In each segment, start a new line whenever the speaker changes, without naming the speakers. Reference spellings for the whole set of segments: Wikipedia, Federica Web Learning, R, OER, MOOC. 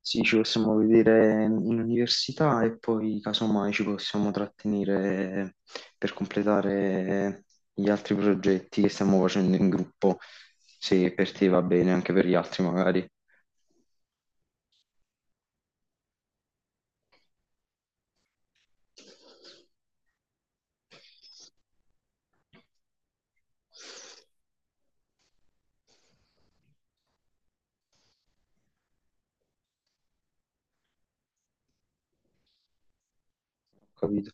Sì, ci possiamo vedere in università e poi casomai ci possiamo trattenere per completare gli altri progetti che stiamo facendo in gruppo, se per te va bene, anche per gli altri magari. Ho capito.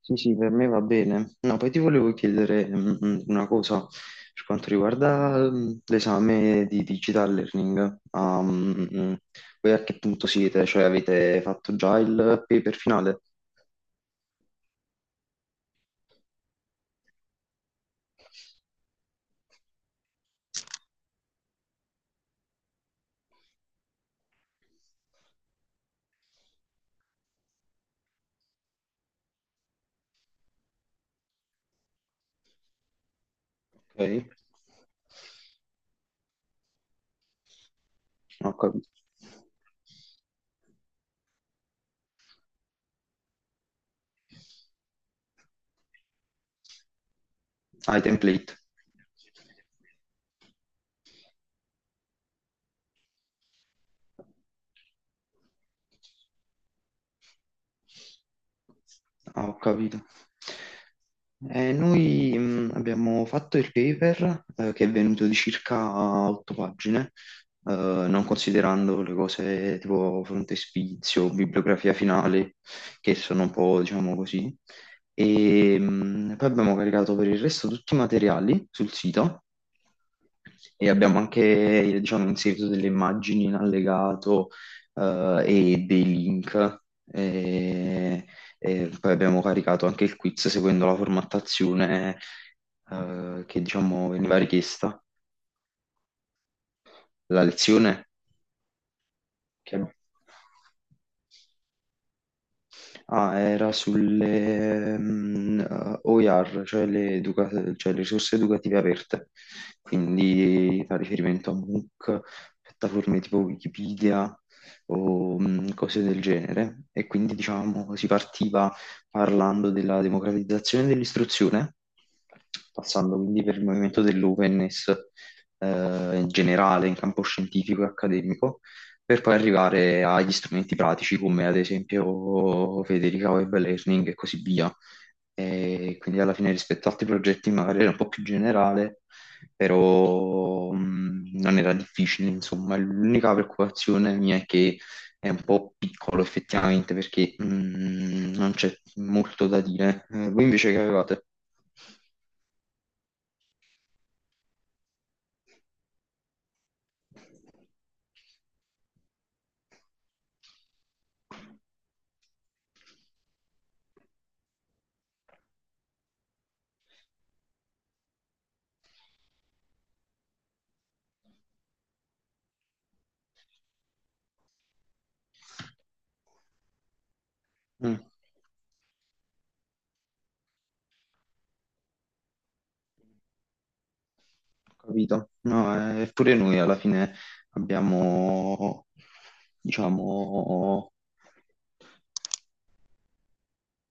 Sì, sì, per me va bene. No, poi ti volevo chiedere una cosa per quanto riguarda l'esame di digital learning. Voi a che punto siete? Cioè avete fatto già il paper finale? Ok, ho capito. Ah, i template. Ah, ho capito. Noi abbiamo fatto il paper che è venuto di circa otto pagine non considerando le cose tipo frontespizio, bibliografia finale, che sono un po', diciamo così. E poi abbiamo caricato per il resto tutti i materiali sul sito e abbiamo anche, diciamo, inserito delle immagini in allegato e dei link. E poi abbiamo caricato anche il quiz seguendo la formattazione che, diciamo, veniva richiesta. La lezione. Che- Ah, era sulle OER, cioè cioè le risorse educative aperte, quindi fa riferimento a MOOC, piattaforme tipo Wikipedia o cose del genere. E quindi diciamo si partiva parlando della democratizzazione dell'istruzione, passando quindi per il movimento dell'openness eh, in generale in campo scientifico e accademico per poi arrivare agli strumenti pratici come ad esempio Federica Web Learning e così via. E quindi alla fine rispetto ad altri progetti magari era un po' più generale, però non era difficile, insomma. L'unica preoccupazione mia è che è un po' piccolo effettivamente perché non c'è molto da dire. Voi invece che avevate? Mm. Capito? No, pure noi alla fine abbiamo, diciamo,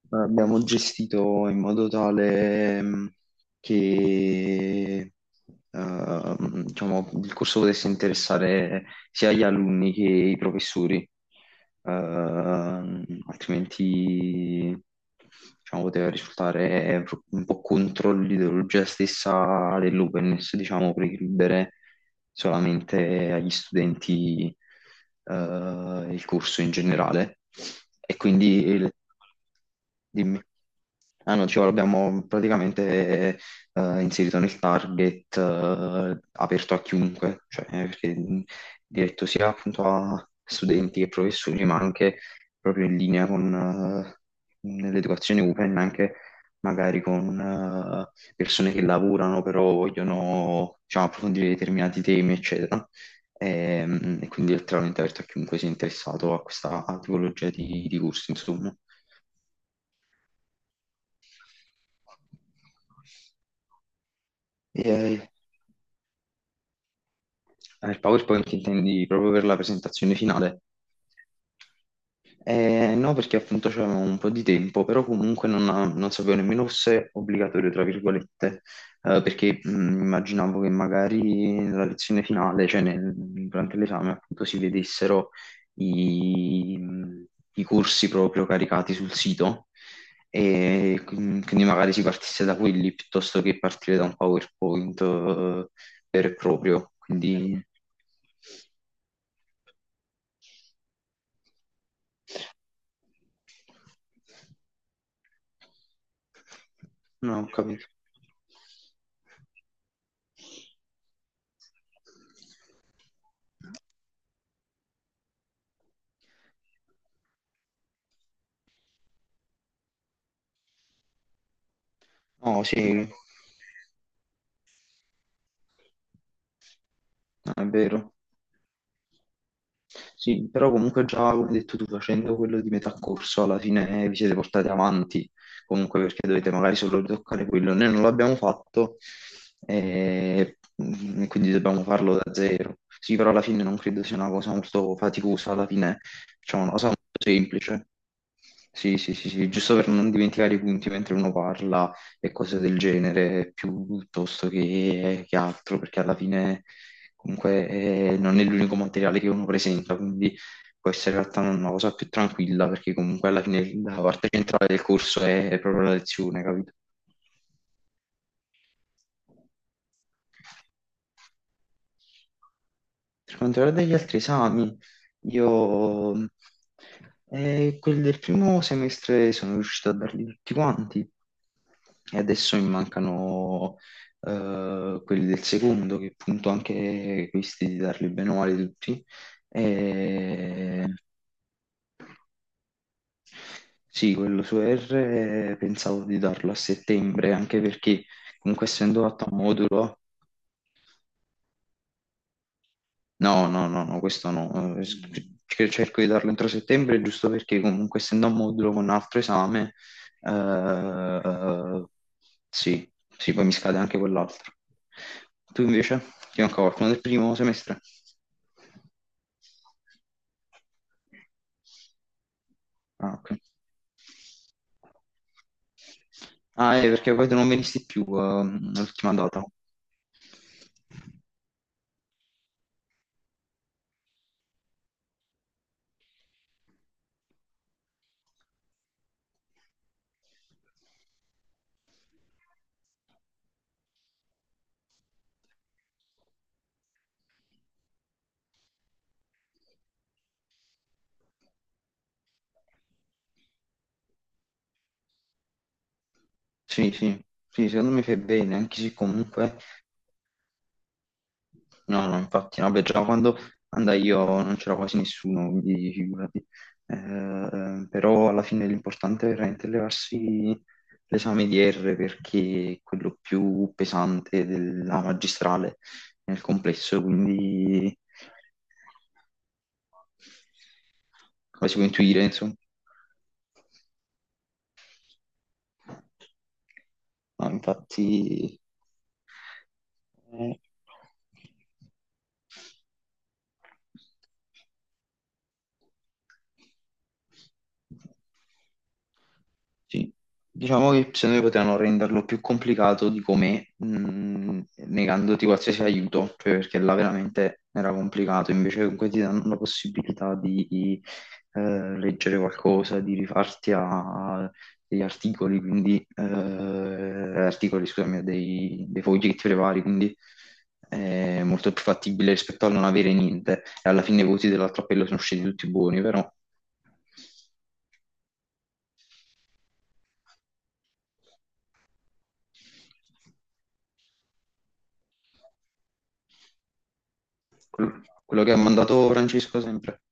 abbiamo gestito in modo tale. Che diciamo, il corso potesse interessare sia gli alunni che i professori, altrimenti diciamo, poteva risultare un po' contro l'ideologia stessa dell'openness, diciamo, precludere solamente agli studenti il corso in generale. E quindi il- Dimmi. Ah no, dicevo, l'abbiamo praticamente inserito nel target, aperto a chiunque, cioè perché diretto sia appunto a studenti che professori, ma anche proprio in linea con l'educazione open, anche magari con persone che lavorano, però vogliono diciamo, approfondire determinati temi, eccetera. E quindi è letteralmente aperto a chiunque sia interessato a questa tipologia di corsi, insomma. E, Ah, il PowerPoint intendi proprio per la presentazione finale? No, perché appunto c'avevo un po' di tempo, però comunque non, non sapevo nemmeno se obbligatorio, tra virgolette, perché immaginavo che magari nella lezione finale, durante l'esame, appunto si vedessero i, i corsi proprio caricati sul sito e quindi magari si partisse da quelli piuttosto che partire da un PowerPoint, vero e proprio. Quindi... No, ho capito. Oh, sì, è vero. Sì, però comunque già, come hai detto tu, facendo quello di metà corso, alla fine vi siete portati avanti, comunque perché dovete magari solo ritoccare quello. Noi non l'abbiamo fatto quindi dobbiamo farlo da zero. Sì, però alla fine non credo sia una cosa molto faticosa, alla fine facciamo una cosa molto semplice. Sì, sì, sì, sì, giusto per non dimenticare i punti mentre uno parla, e cose del genere piuttosto che altro, perché alla fine comunque non è l'unico materiale che uno presenta, quindi può essere in realtà una cosa più tranquilla, perché comunque alla fine la parte centrale del corso è proprio la lezione, capito? Per quanto riguarda gli altri esami, io quelli del primo semestre sono riuscito a darli tutti quanti e adesso mi mancano quelli del secondo, che appunto anche questi di darli bene o male tutti. E... Sì, quello su R pensavo di darlo a settembre, anche perché comunque essendo fatto a modulo. No, no, no, no, questo no. Sc- che Cerco di darlo entro settembre, giusto perché comunque essendo un modulo con un altro esame, eh, sì, sì, poi mi scade anche quell'altro. Tu invece? Ti manca qualcuno del primo semestre? Ah, ok. Ah, perché poi tu non venisti più, l'ultima data. Sì, sì, sì, secondo me fai bene, anche se comunque... No, no, infatti, no, beh, già quando andai io non c'era quasi nessuno, quindi figurati. Però alla fine l'importante è veramente levarsi l'esame di R perché è quello più pesante della magistrale nel complesso, quindi come si può intuire, insomma. No, infatti, eh, sì. Diciamo che secondo me potevano renderlo più complicato di com'è, negandoti qualsiasi aiuto, cioè perché là veramente era complicato, invece comunque ti danno la possibilità di leggere qualcosa, di rifarti a degli articoli, quindi scusami, dei foggetti vari, quindi è molto più fattibile rispetto a non avere niente. E alla fine i voti dell'appello sono usciti tutti buoni, però quello che ha mandato Francesco sempre.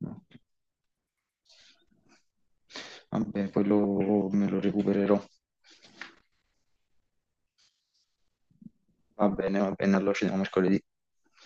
No. Vabbè, quello me lo recupererò. Va bene, allora ci vediamo mercoledì.